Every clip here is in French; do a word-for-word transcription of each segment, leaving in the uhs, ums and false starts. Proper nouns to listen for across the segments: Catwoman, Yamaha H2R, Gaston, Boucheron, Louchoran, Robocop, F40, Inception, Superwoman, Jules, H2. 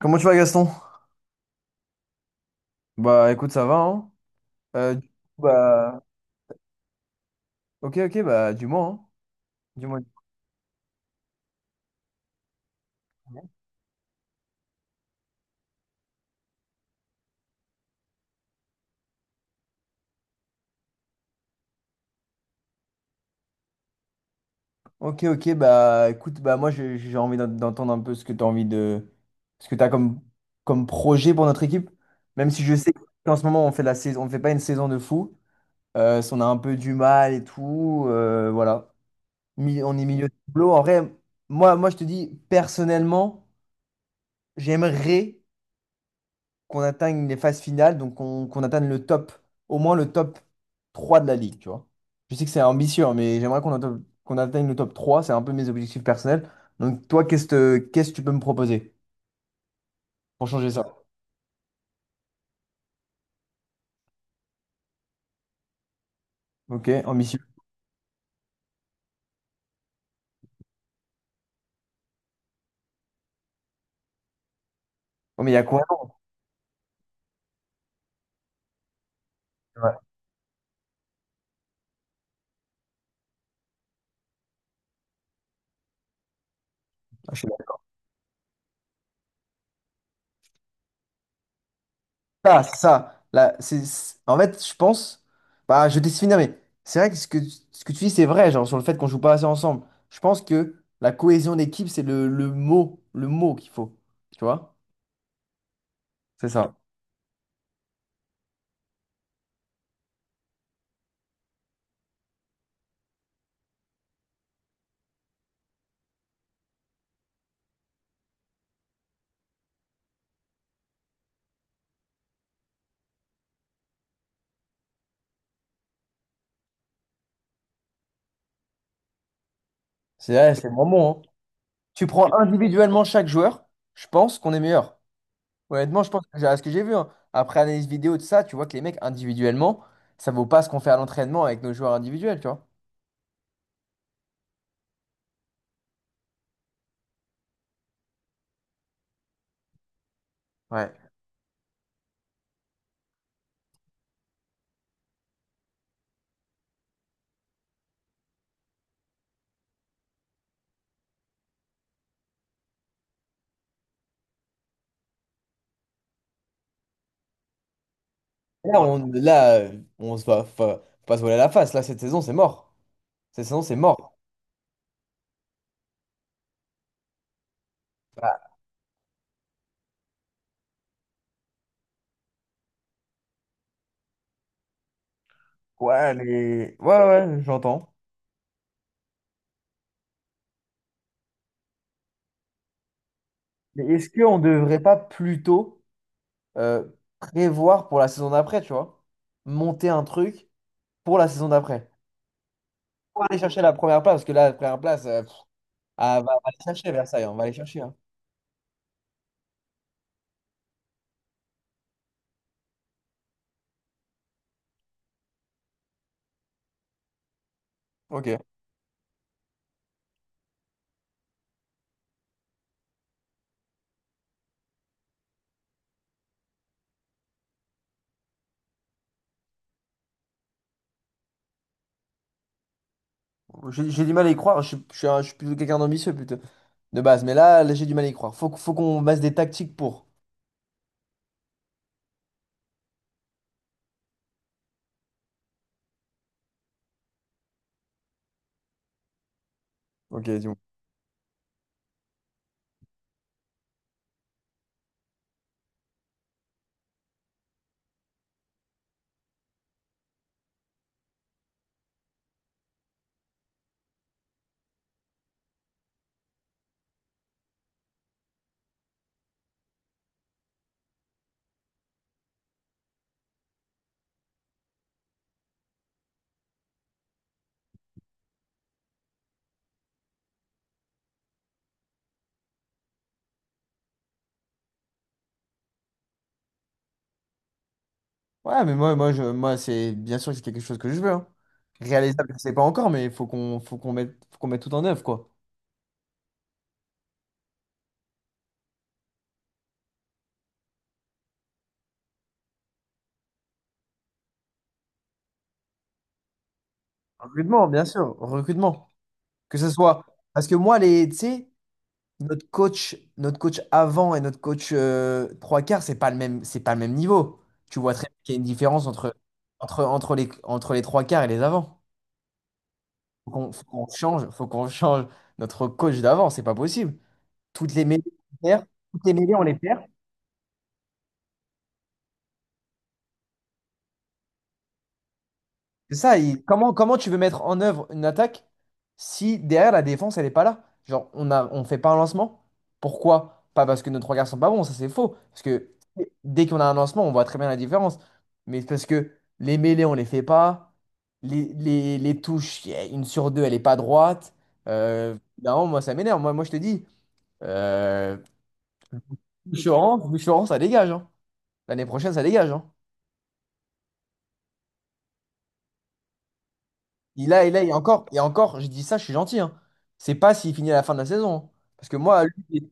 Comment tu vas, Gaston? Bah écoute, ça va, hein. Euh, du coup, bah ok ok bah dis-moi, hein. Dis-moi. Ok ok bah écoute, bah moi j'ai j'ai envie d'en- d'entendre un peu ce que tu as envie de ce que tu as comme comme projet pour notre équipe, même si je sais qu'en ce moment on fait la saison, on fait pas une saison de fou, euh, si on a un peu du mal et tout, euh, voilà. Mi- on est milieu de tableau en vrai. Moi moi je te dis personnellement, j'aimerais qu'on atteigne les phases finales, donc qu'on qu'on atteigne le top, au moins le top trois de la ligue, tu vois. Je sais que c'est ambitieux, hein, mais j'aimerais qu'on atte- qu'on atteigne le top trois, c'est un peu mes objectifs personnels. Donc toi, qu'est-ce que qu'est-ce que tu peux me proposer pour changer ça? Ok, ambitieux. Oh, mais il y a quoi d'autre? Ouais. Je sais pas. Ah, c'est ça. Là, c'est, c'est- en fait, je pense, bah, je vais te laisse finir, mais c'est vrai que ce que, ce que tu dis, c'est vrai, genre sur le fait qu'on joue pas assez ensemble. Je pense que la cohésion d'équipe, c'est le, le mot, le mot qu'il faut, tu vois? C'est ça. C'est ouais, c'est vraiment bon, hein. Tu prends individuellement chaque joueur, je pense qu'on est meilleur. Honnêtement, je pense que j'ai- à ce que j'ai vu, hein. Après analyse vidéo, de ça, tu vois que les mecs individuellement, ça vaut pas ce qu'on fait à l'entraînement avec nos joueurs individuels, tu vois. Ouais. Là, on, là, euh, on se va, fa- faut pas se voiler la face. Là, cette saison, c'est mort. Cette saison, c'est mort. Ouais, mais... Ouais, ouais, j'entends. Mais est-ce qu'on ne devrait pas plutôt euh, prévoir pour la saison d'après, tu vois? Monter un truc pour la saison d'après. Pour aller chercher la première place, parce que là, la première place... euh, pff, ah, va, va les chercher, Versailles, on va les chercher, hein. Ok. J'ai j'ai du mal à y croire. Je, suis je suis un- je suis plutôt quelqu'un d'ambitieux, plutôt. De base. Mais là, là, j'ai du mal à y croire. Faut, qu- faut qu'on base des tactiques pour. Ok, dis-moi. Ouais, mais moi, moi, je, moi c'est bien sûr que c'est quelque chose que je veux, hein. Réalisable, je sais pas encore, mais il faut qu'on faut qu'on mette, faut qu'on mette tout en œuvre, quoi. Recrutement, bien sûr. Recrutement. Que ce soit. Parce que moi, les, tu sais, notre coach, notre coach avant et notre coach euh, trois quarts, c'est pas le même, c'est pas le même niveau. Tu vois très bien qu'il y a une différence entre, entre, entre les, entre les trois quarts et les avants. Faut qu'on faut qu'on change, faut qu'on change notre coach d'avant, c'est pas possible. Toutes les mêlées, on les perd. Toutes les mêlées, on les perd. C'est ça, il- comment, comment tu veux mettre en œuvre une attaque si derrière la défense, elle n'est pas là? Genre, on a, on fait pas un lancement. Pourquoi? Pas parce que nos trois garçons sont pas bons, ça c'est faux. Parce que dès qu'on a un lancement, on voit très bien la différence. Mais c'est parce que les mêlées, on les fait pas. Les, les, les touches, y a une sur deux, elle est pas droite. Euh, non, moi, ça m'énerve. Moi, moi, je te dis, euh, Boucheron, Boucheron, ça dégage, hein. L'année prochaine, ça dégage, hein. Il a, il a, et encore, et encore, je dis ça, je suis gentil, hein. C'est pas s'il finit à la fin de la saison, hein. Parce que moi, lui,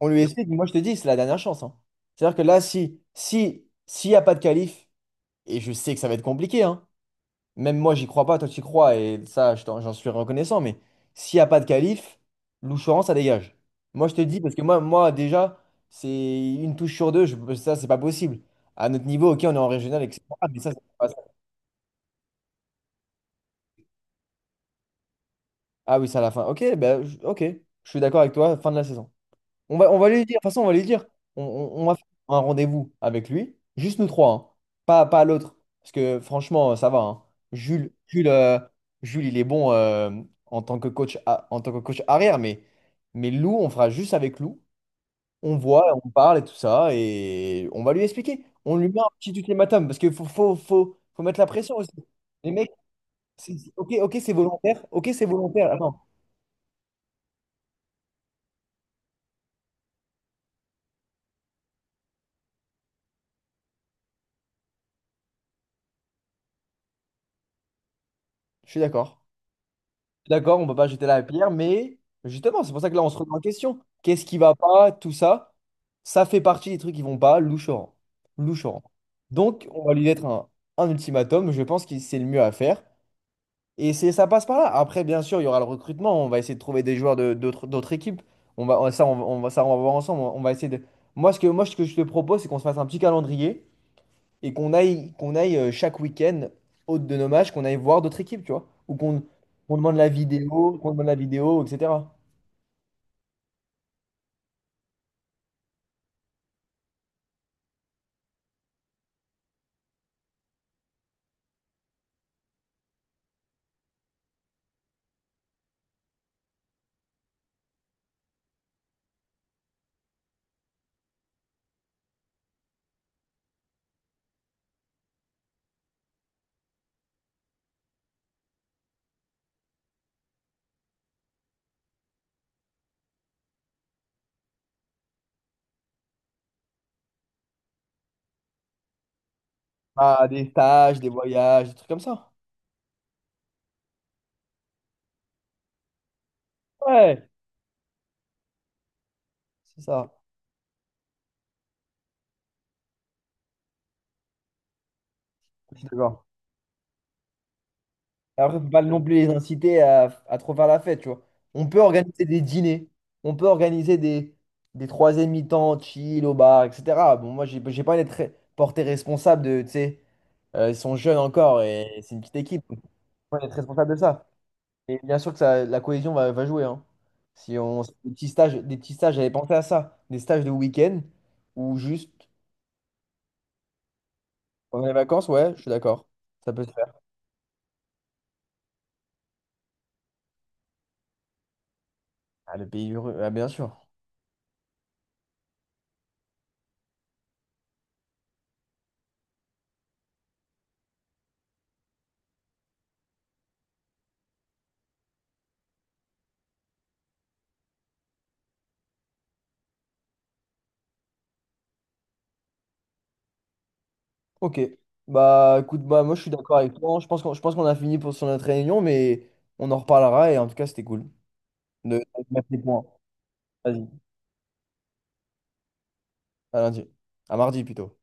on lui explique, moi je te dis, c'est la dernière chance, hein. C'est-à-dire que là, si, si, s'il n'y a pas de qualif, et je sais que ça va être compliqué, hein. Même moi, j'y crois pas, toi tu y crois, et ça, je t'en- j'en suis reconnaissant, mais s'il n'y a pas de qualif, Louchoran, ça dégage. Moi, je te dis, parce que moi, moi déjà, c'est une touche sur deux, je, ça, c'est pas possible. À notre niveau, ok, on est en régional, et cetera. Mais ça, c'est pas ça. Ah oui, c'est à la fin. Ok, ben, je- ok, je suis d'accord avec toi, fin de la saison. On va, on va lui dire, de toute façon, on va lui dire. On, on- on va faire un rendez-vous avec lui, juste nous trois, hein. Pas, pas l'autre. Parce que franchement, ça va, hein. Jules, Jules, euh, Jules, il est bon euh, en tant que coach, a- en tant que coach arrière, mais, mais Lou, on fera juste avec Lou. On voit, on parle et tout ça, et on va lui expliquer. On lui met un petit ultimatum, parce qu'il faut, faut, faut, faut, mettre la pression aussi. Les mecs, c'est- c'est- ok, ok, c'est volontaire. Ok, c'est volontaire. Attends, je suis d'accord. D'accord, on peut pas jeter la pierre, mais justement, c'est pour ça que là, on se remet en question. Qu'est-ce qui va pas, tout ça, ça fait partie des trucs qui vont pas, louchoran. Louchoran. Donc, on va lui mettre un, un ultimatum, je pense que c'est le mieux à faire. Et c'est, ça passe par là. Après, bien sûr, il y aura le recrutement, on va essayer de trouver des joueurs de, d'autres, d'autres équipes. On va, ça, on, va, on va- ça, on va voir ensemble. On va essayer de... Moi, ce que, moi, ce que je te propose, c'est qu'on se fasse un petit calendrier et qu'on aille, qu'on aille euh, chaque week-end, hôte de nos matchs, qu'on aille voir d'autres équipes, tu vois, ou qu'on qu'on demande la vidéo, qu'on demande la vidéo, et cetera. Ah, des stages, des voyages, des trucs comme ça. Ouais, c'est ça. Je suis d'accord. Et Après, faut pas non plus les inciter à, à trop faire la fête, tu vois. On peut organiser des dîners, on peut organiser des, des troisième mi-temps chill au bar, et cetera. Bon, moi, j'ai j'ai pas envie d'être porté responsable de, tu sais, euh, ils sont jeunes encore et c'est une petite équipe, donc faut pas être responsable de ça. Et bien sûr que ça, la cohésion va, va jouer, hein. Si on, si des petits stages, des petits stages, j'avais pensé à ça. Des stages de week-end ou juste pendant les vacances, ouais, je suis d'accord. Ça peut se faire. Ah, le pays heureux, ah, bien sûr. Ok. Bah écoute, bah moi je suis d'accord avec toi, hein. Je pense qu'on, je pense qu'on a fini pour sur notre réunion, mais on en reparlera et en tout cas c'était cool de, de mettre les points. Vas-y, à lundi. À mardi plutôt.